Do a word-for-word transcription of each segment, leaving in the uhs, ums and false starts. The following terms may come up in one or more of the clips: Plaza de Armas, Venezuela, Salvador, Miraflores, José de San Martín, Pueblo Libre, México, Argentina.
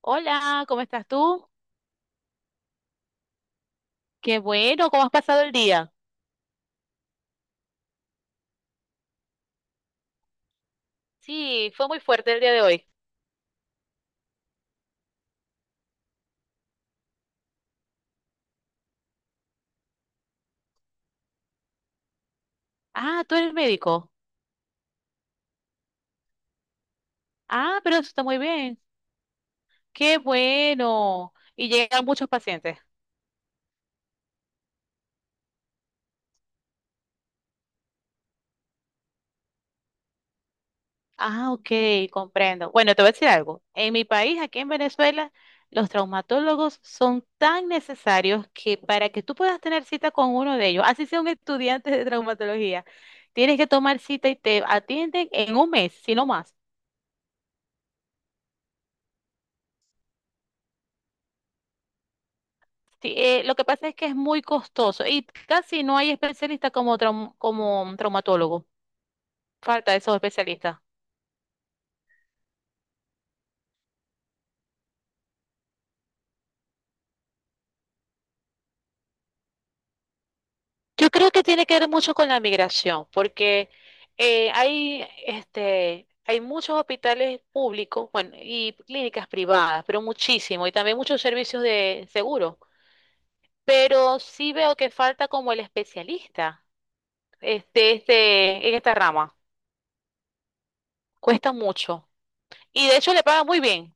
Hola, ¿cómo estás tú? Qué bueno, ¿cómo has pasado el día? Sí, fue muy fuerte el día de hoy. Ah, tú eres médico. Ah, pero eso está muy bien. Qué bueno. Y llegan muchos pacientes. Ah, ok, comprendo. Bueno, te voy a decir algo. En mi país, aquí en Venezuela, los traumatólogos son tan necesarios que para que tú puedas tener cita con uno de ellos, así sea un estudiante de traumatología, tienes que tomar cita y te atienden en un mes, si no más. Sí, eh, lo que pasa es que es muy costoso y casi no hay especialista como, traum- como traumatólogo. Falta esos especialistas. Yo creo que tiene que ver mucho con la migración, porque eh, hay, este, hay muchos hospitales públicos, bueno, y clínicas privadas, pero muchísimo, y también muchos servicios de seguro. Pero sí veo que falta como el especialista, este, este, en esta rama. Cuesta mucho. Y de hecho le pagan muy bien.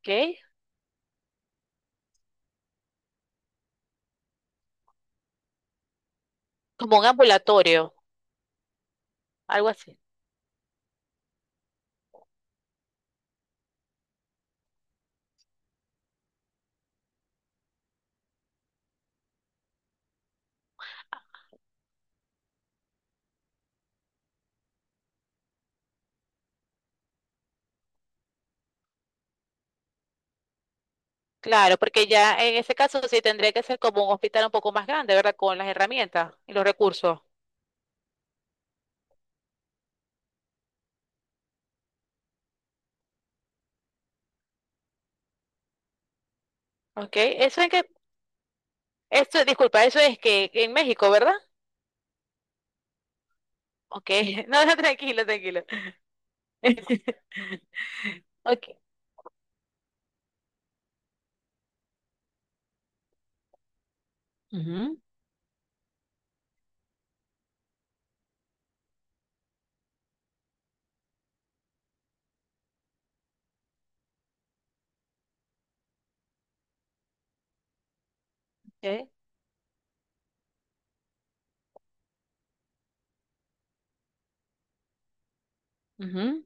¿Ok? Como un ambulatorio. Algo así. Claro, porque ya en ese caso sí tendría que ser como un hospital un poco más grande, ¿verdad? Con las herramientas y los recursos. ¿Ok? Eso es que, esto, disculpa, eso es que en México, ¿verdad? Ok, no, no, tranquilo, tranquilo. Ok. Ujú, ok, ujú.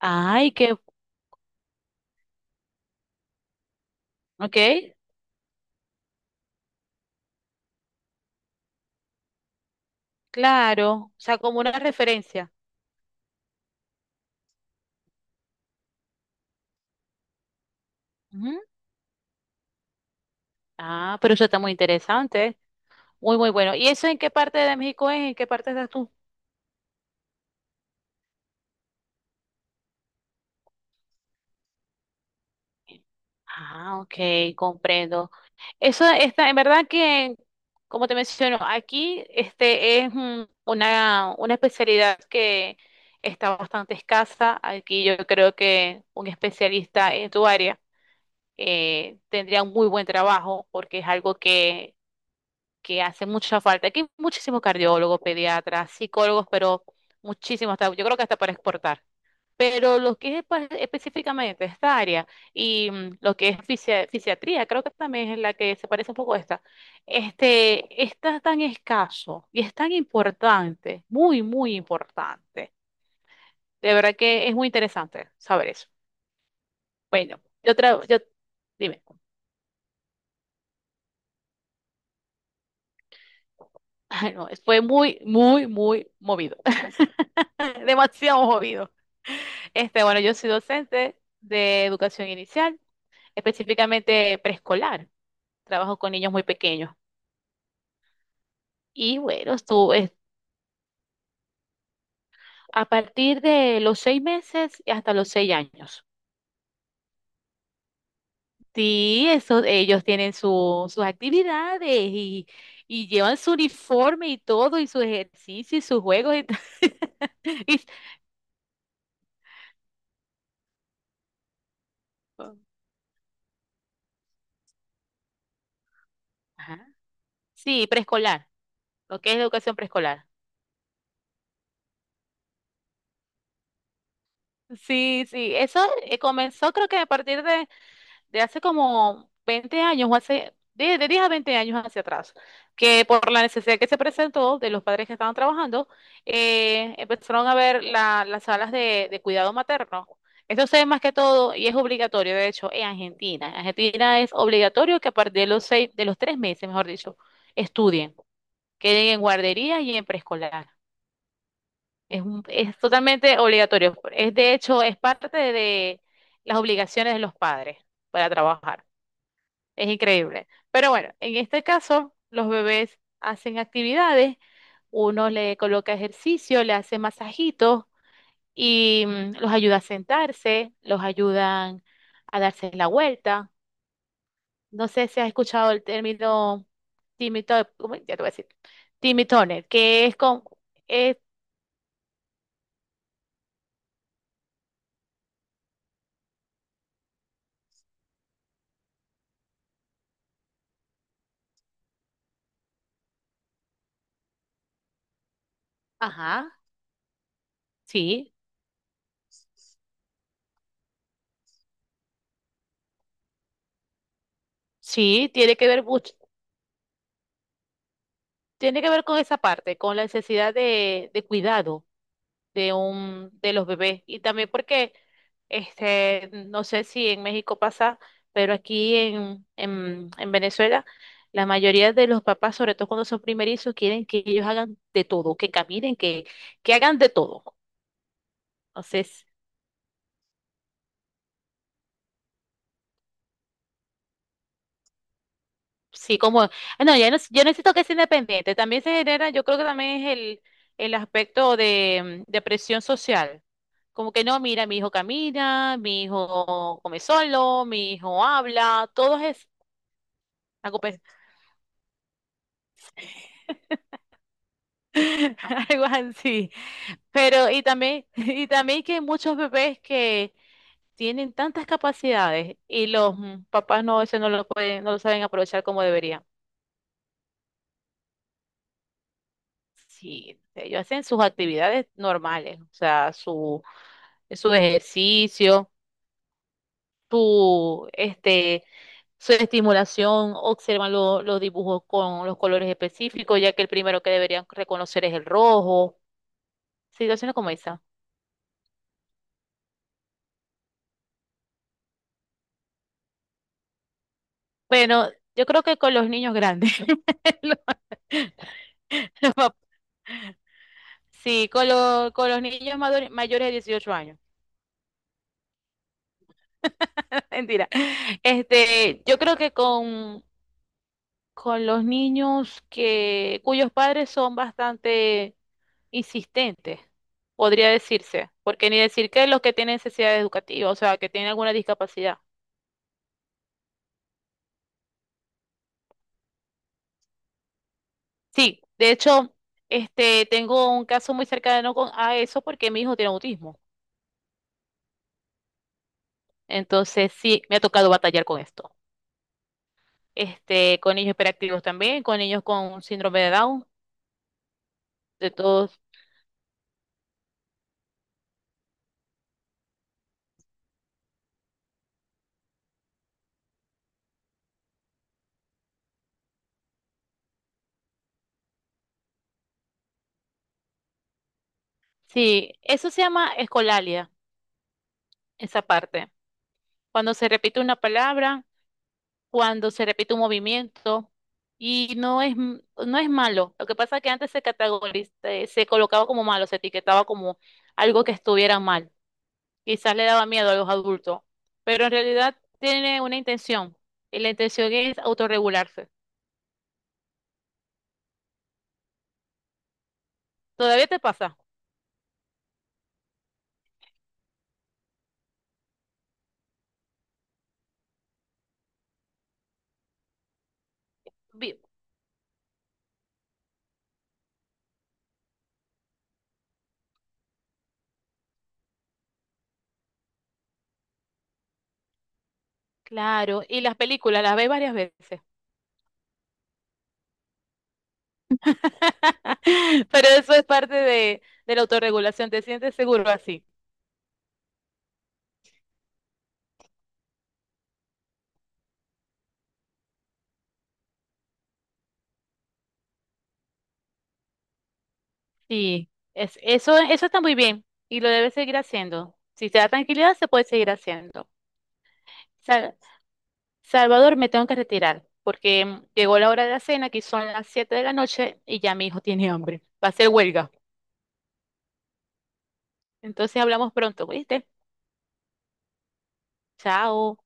Ay, qué, ok, claro, o sea, como una referencia. Ujú. Ah, pero eso está muy interesante, muy, muy bueno. ¿Y eso en qué parte de México es? ¿En qué parte estás tú? Ah, ok, comprendo. Eso está, en verdad que, como te menciono, aquí este es un- una, una especialidad que está bastante escasa. Aquí yo creo que un especialista en tu área eh, tendría un muy buen trabajo porque es algo que, que hace mucha falta. Aquí hay muchísimos cardiólogos, pediatras, psicólogos, pero muchísimos, hasta- yo creo que hasta para exportar. Pero lo que es espe- específicamente esta área y mm, lo que es fisia- fisiatría, creo que también es la que se parece un poco a esta, este, está tan escaso y es tan importante, muy, muy importante. De verdad que es muy interesante saber eso. Bueno, yo, tra- yo dime. Ay, no, fue muy, muy, muy movido. Demasiado movido. Este, bueno, yo soy docente de educación inicial, específicamente preescolar. Trabajo con niños muy pequeños. Y bueno, estuve a partir de los seis meses hasta los seis años. Sí, eso, ellos tienen su- sus actividades y, y llevan su uniforme y todo, y sus ejercicios y sus juegos. Y, t- y- Ajá. Sí, preescolar, lo que es educación preescolar. Sí, sí, eso eh, comenzó creo que a partir de, de hace como veinte años o hace de, de diez a veinte años hacia atrás, que por la necesidad que se presentó de los padres que estaban trabajando, eh, empezaron a ver la- las salas de, de cuidado materno. Eso se ve más que todo y es obligatorio, de hecho, en Argentina. En Argentina es obligatorio que a partir de los seis, de los tres meses, mejor dicho, estudien, queden en guardería y en preescolar. Es, un- es totalmente obligatorio. Es de hecho, es parte de las obligaciones de los padres para trabajar. Es increíble. Pero bueno, en este caso, los bebés hacen actividades, uno le coloca ejercicio, le hace masajitos y mm, los ayuda a sentarse, los ayudan a darse la vuelta. No sé si has escuchado el término timitone, ya te voy a decir, timitones, que es con, es, ajá, sí. Sí, tiene que ver mucho, tiene que ver con esa parte, con la necesidad de, de cuidado de un, de los bebés. Y también porque, este, no sé si en México pasa, pero aquí en, en, en Venezuela, la mayoría de los papás, sobre todo cuando son primerizos, quieren que ellos hagan de todo, que caminen, que, que hagan de todo. Entonces, sí, como, ah, no, ya no, yo necesito que sea independiente. También se genera, yo creo que también es el, el aspecto de, mm, de presión social. Como que no, mira, mi hijo camina, mi hijo come solo, mi hijo habla, todo es algo pe- algo así. Pero, y también, y también que hay muchos bebés que tienen tantas capacidades y los mm, papás no, eso no lo pueden, no lo saben aprovechar como deberían. Sí, eh, ellos hacen sus actividades normales, o sea, su, su ejercicio, su, este, su estimulación, observan lo- los dibujos con los colores específicos, ya que el primero que deberían reconocer es el rojo, situaciones como esa. Bueno, yo creo que con los niños grandes, los- los pap- sí, con, los con los niños madure- mayores de dieciocho años, mentira. Este, yo creo que con con los niños que, cuyos padres son bastante insistentes, podría decirse, porque ni decir que los que tienen necesidad educativa, o sea, que tienen alguna discapacidad. Sí, de hecho, este, tengo un caso muy cercano con, a eso porque mi hijo tiene autismo. Entonces, sí, me ha tocado batallar con esto. Este, con niños hiperactivos también, con niños con síndrome de Down, de todos. Sí, eso se llama escolalia, esa parte. Cuando se repite una palabra cuando se repite un movimiento y no es, m- no es malo. Lo que pasa es que antes se categoriza, se colocaba como malo, se etiquetaba como algo que estuviera mal. Quizás le daba miedo a los adultos, pero en realidad tiene una intención y la intención es autorregularse. ¿Todavía te pasa? Vi- Claro, y las películas las ves varias veces. Pero eso es parte de, de la autorregulación, te sientes seguro así. Sí, es, eso, eso está muy bien y lo debes seguir haciendo. Si te da tranquilidad, se puede seguir haciendo. Sal- Salvador, me tengo que retirar porque mm, llegó la hora de la cena, aquí son las siete de la noche y ya mi hijo tiene hambre. Va a ser huelga. Entonces hablamos pronto, ¿viste? Chao.